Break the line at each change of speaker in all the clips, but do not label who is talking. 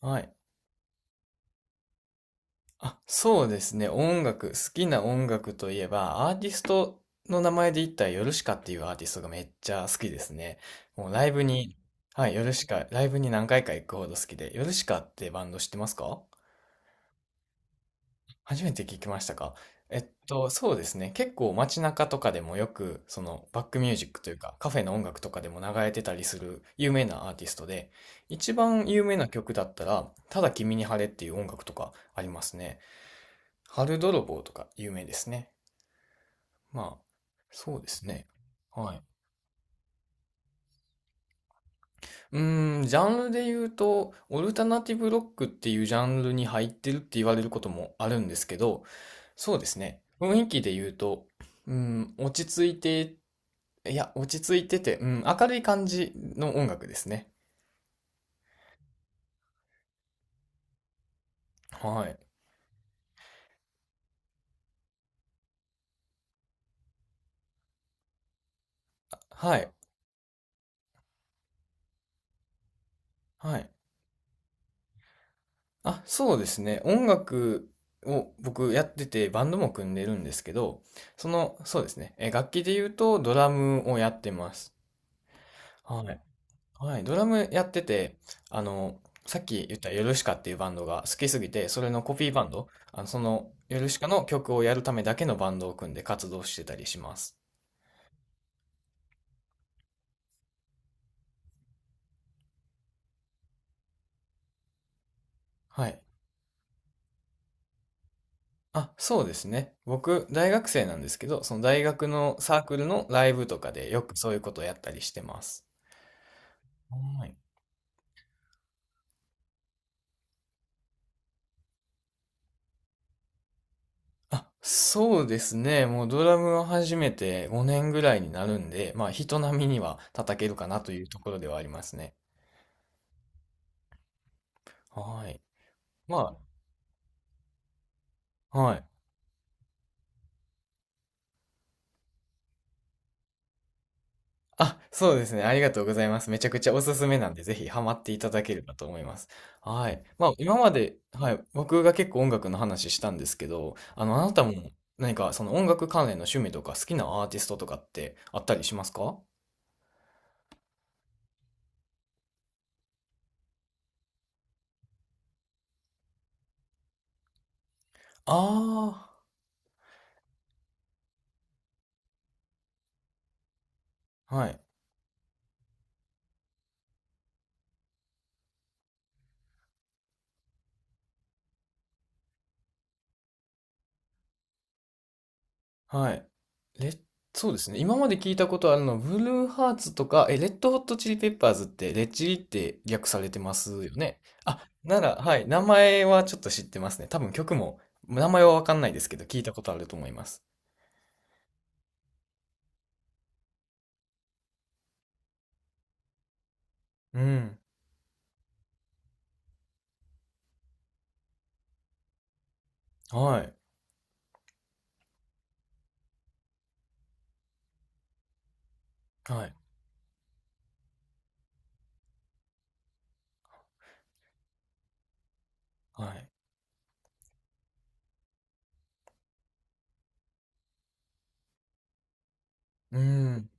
はい。あ、そうですね。音楽、好きな音楽といえば、アーティストの名前で言ったら、ヨルシカっていうアーティストがめっちゃ好きですね。もうライブに、はい、ヨルシカ、ライブに何回か行くほど好きで、ヨルシカってバンド知ってますか？初めて聞きましたか？そうですね。結構街中とかでもよく、そのバックミュージックというか、カフェの音楽とかでも流れてたりする有名なアーティストで、一番有名な曲だったら、ただ君に晴れっていう音楽とかありますね。春泥棒とか有名ですね。まあ、そうですね。はい。ジャンルで言うと、オルタナティブロックっていうジャンルに入ってるって言われることもあるんですけど、そうですね。雰囲気で言うと、うん、落ち着いて、落ち着いてて、明るい感じの音楽ですね。はい。はい。はい。あ、そうですね。音楽を僕やっててバンドも組んでるんですけど、そうですね。楽器で言うとドラムをやってます。はい。はい。ドラムやってて、あの、さっき言ったヨルシカっていうバンドが好きすぎて、それのコピーバンド、あの、そのヨルシカの曲をやるためだけのバンドを組んで活動してたりします。はい。あ、そうですね。僕、大学生なんですけど、その大学のサークルのライブとかでよくそういうことをやったりしてます。はい。あ、そうですね。もうドラムを始めて5年ぐらいになるんで、まあ人並みには叩けるかなというところではありますね。はい。まあ、はい。あ、そうですね。ありがとうございます。めちゃくちゃおすすめなんで、ぜひハマっていただければと思います。はい。まあ今まで、はい。僕が結構音楽の話したんですけど、あなたも何かその音楽関連の趣味とか好きなアーティストとかってあったりしますか？ああー、はい。はい。レッ、そうですね。今まで聞いたことあるのは、ブルーハーツとか、レッドホットチリペッパーズって、レッチリって略されてますよね。あ、なら、はい。名前はちょっと知ってますね。多分曲も、名前はわかんないですけど、聞いたことあると思います。うん。はい。はい。はい。うん。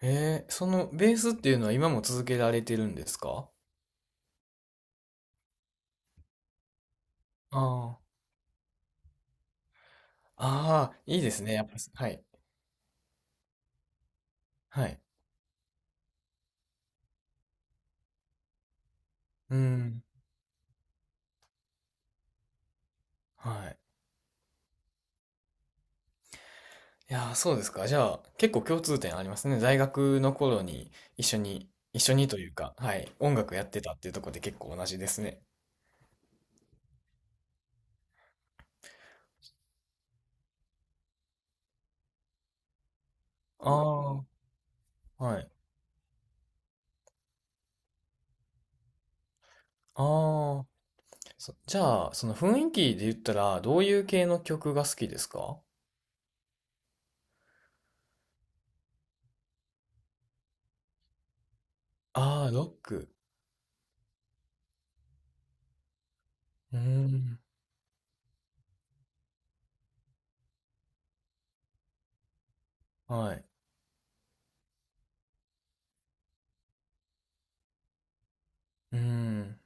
そのベースっていうのは今も続けられてるんですか？ああー。ああ、いいですね。やっぱ、はい。はい。うん。はい。いやー、そうですか。じゃあ、結構共通点ありますね。大学の頃に一緒にというか、はい、音楽やってたっていうところで結構同じですね。ああ、はい。ああ、そじゃあ、その雰囲気で言ったら、どういう系の曲が好きですか？ああー、ロック。うーん、はい。うーん、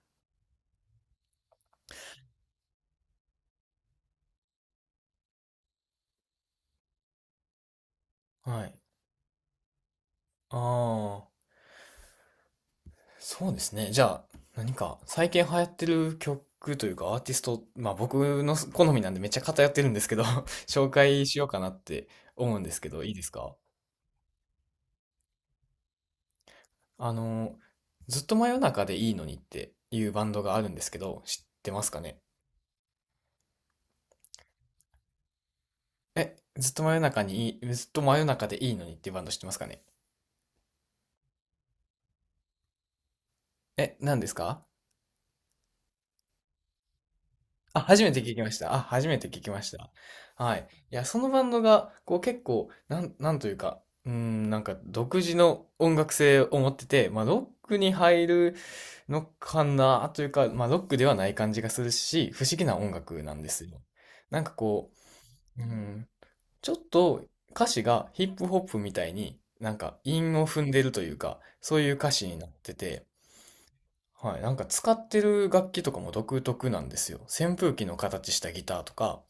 はい。ああ。そうですね。じゃあ、何か最近流行ってる曲というかアーティスト、まあ僕の好みなんでめっちゃ偏ってるんですけど 紹介しようかなって思うんですけど、いいですか？あの、ずっと真夜中でいいのにっていうバンドがあるんですけど、知ってますかね？え、ずっと真夜中にいい、ずっと真夜中でいいのにっていうバンド知ってますかね？え、何ですか？あ、初めて聞きました。あ、初めて聞きました。はい。いや、そのバンドが、こう結構、なんというか、なんか独自の音楽性を持ってて、まあロックに入るのかなというか、まあロックではない感じがするし、不思議な音楽なんですよ。なんかこう、ちょっと歌詞がヒップホップみたいになんか韻を踏んでるというか、そういう歌詞になってて、はい、なんか使ってる楽器とかも独特なんですよ。扇風機の形したギターとか、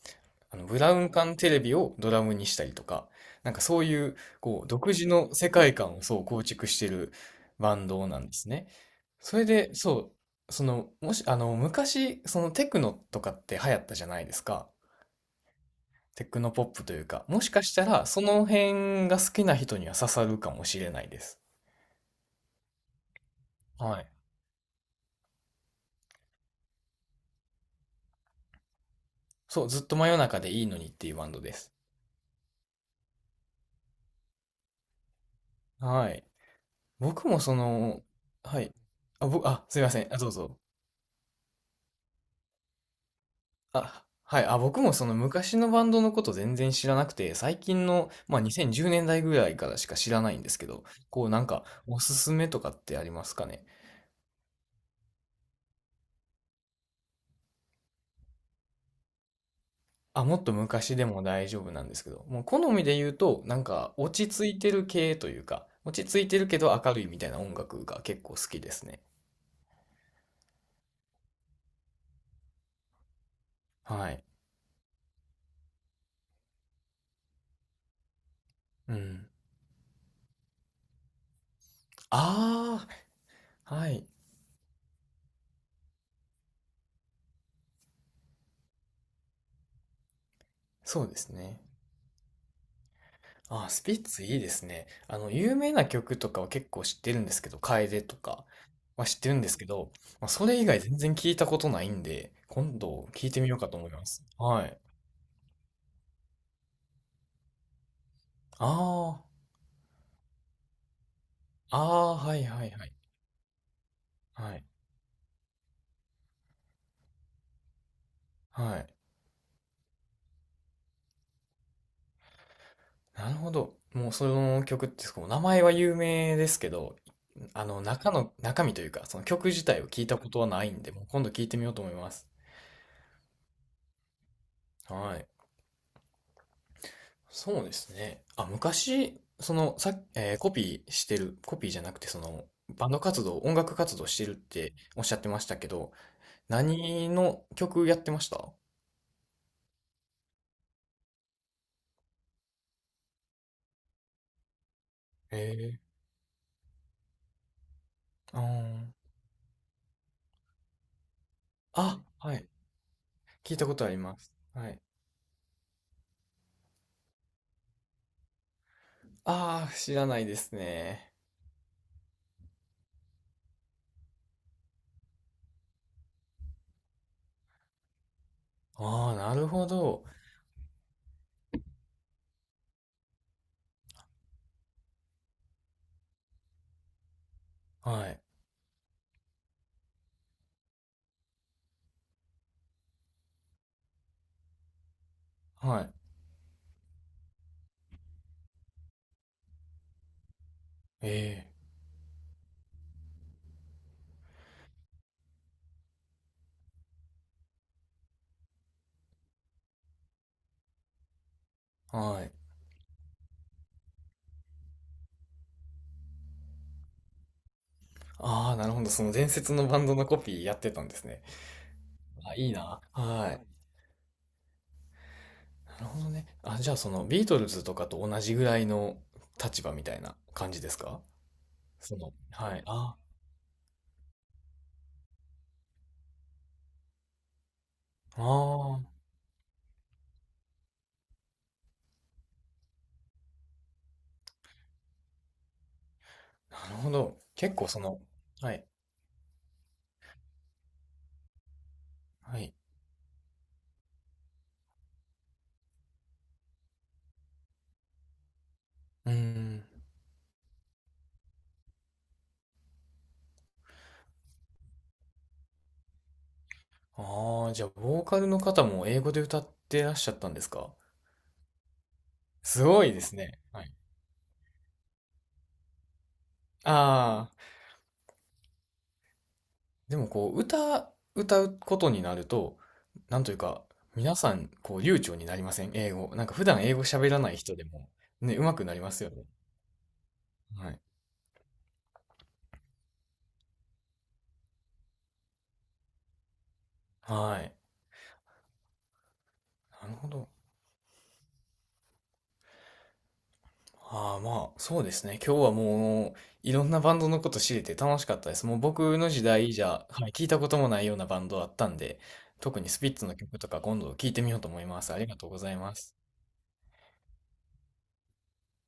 ブラウン管テレビをドラムにしたりとか、なんかそういう、こう、独自の世界観をそう構築してるバンドなんですね。それで、もし、昔、そのテクノとかって流行ったじゃないですか。テクノポップというか、もしかしたら、その辺が好きな人には刺さるかもしれないです。はい。そう、ずっと真夜中でいいのにっていうバンドです。はい。僕もその、はい。あ、すいません。あ、どうぞ。あ、はい。あ、僕もその昔のバンドのこと全然知らなくて、最近の、まあ、2010年代ぐらいからしか知らないんですけど、こうなんかおすすめとかってありますかね。あ、もっと昔でも大丈夫なんですけど、もう好みで言うと、なんか落ち着いてる系というか、落ち着いてるけど明るいみたいな音楽が結構好きですね。はい。うん。ああ、はい。そうですね。あ、スピッツいいですね。あの、有名な曲とかは結構知ってるんですけど、楓とかは知ってるんですけど、まあ、それ以外全然聞いたことないんで、今度聞いてみようかと思います。はい。ああ、ああ、はいはいはい。はい。はい。なるほど。もうその曲って、こう名前は有名ですけど、あの、中身というか、その曲自体を聞いたことはないんで、もう今度聞いてみようと思います。はい。そうですね。あ、昔、その、さ、えーコピーしてる、コピーじゃなくて、その、バンド活動、音楽活動してるっておっしゃってましたけど、何の曲やってましたえー。あー、あ、はい。聞いたことあります。はい。ああ、知らないですね。ああ、なるほど。はい。はい。ええ、はい。ああ、なるほど。その伝説のバンドのコピーやってたんですね。あ、いいな。はい。なるほどね。あ、じゃあそのビートルズとかと同じぐらいの立場みたいな感じですか？その、はい。あ、ああ、なるほど。結構その、はい、はい。うーん。ああ、じゃあボーカルの方も英語で歌ってらっしゃったんですか？すごいですね。はい。ああ、でもこう、歌うことになると、なんというか、皆さん、こう、流暢になりません英語。なんか普段英語喋らない人でも、ね、上手くなりますよね。はい。はい。なるほど。ああ、まあ、そうですね。今日はもう、いろんなバンドのこと知れて楽しかったです。もう僕の時代じゃ、はい聞いたこともないようなバンドだったんで、特にスピッツの曲とか今度聞いてみようと思います。ありがとうございます。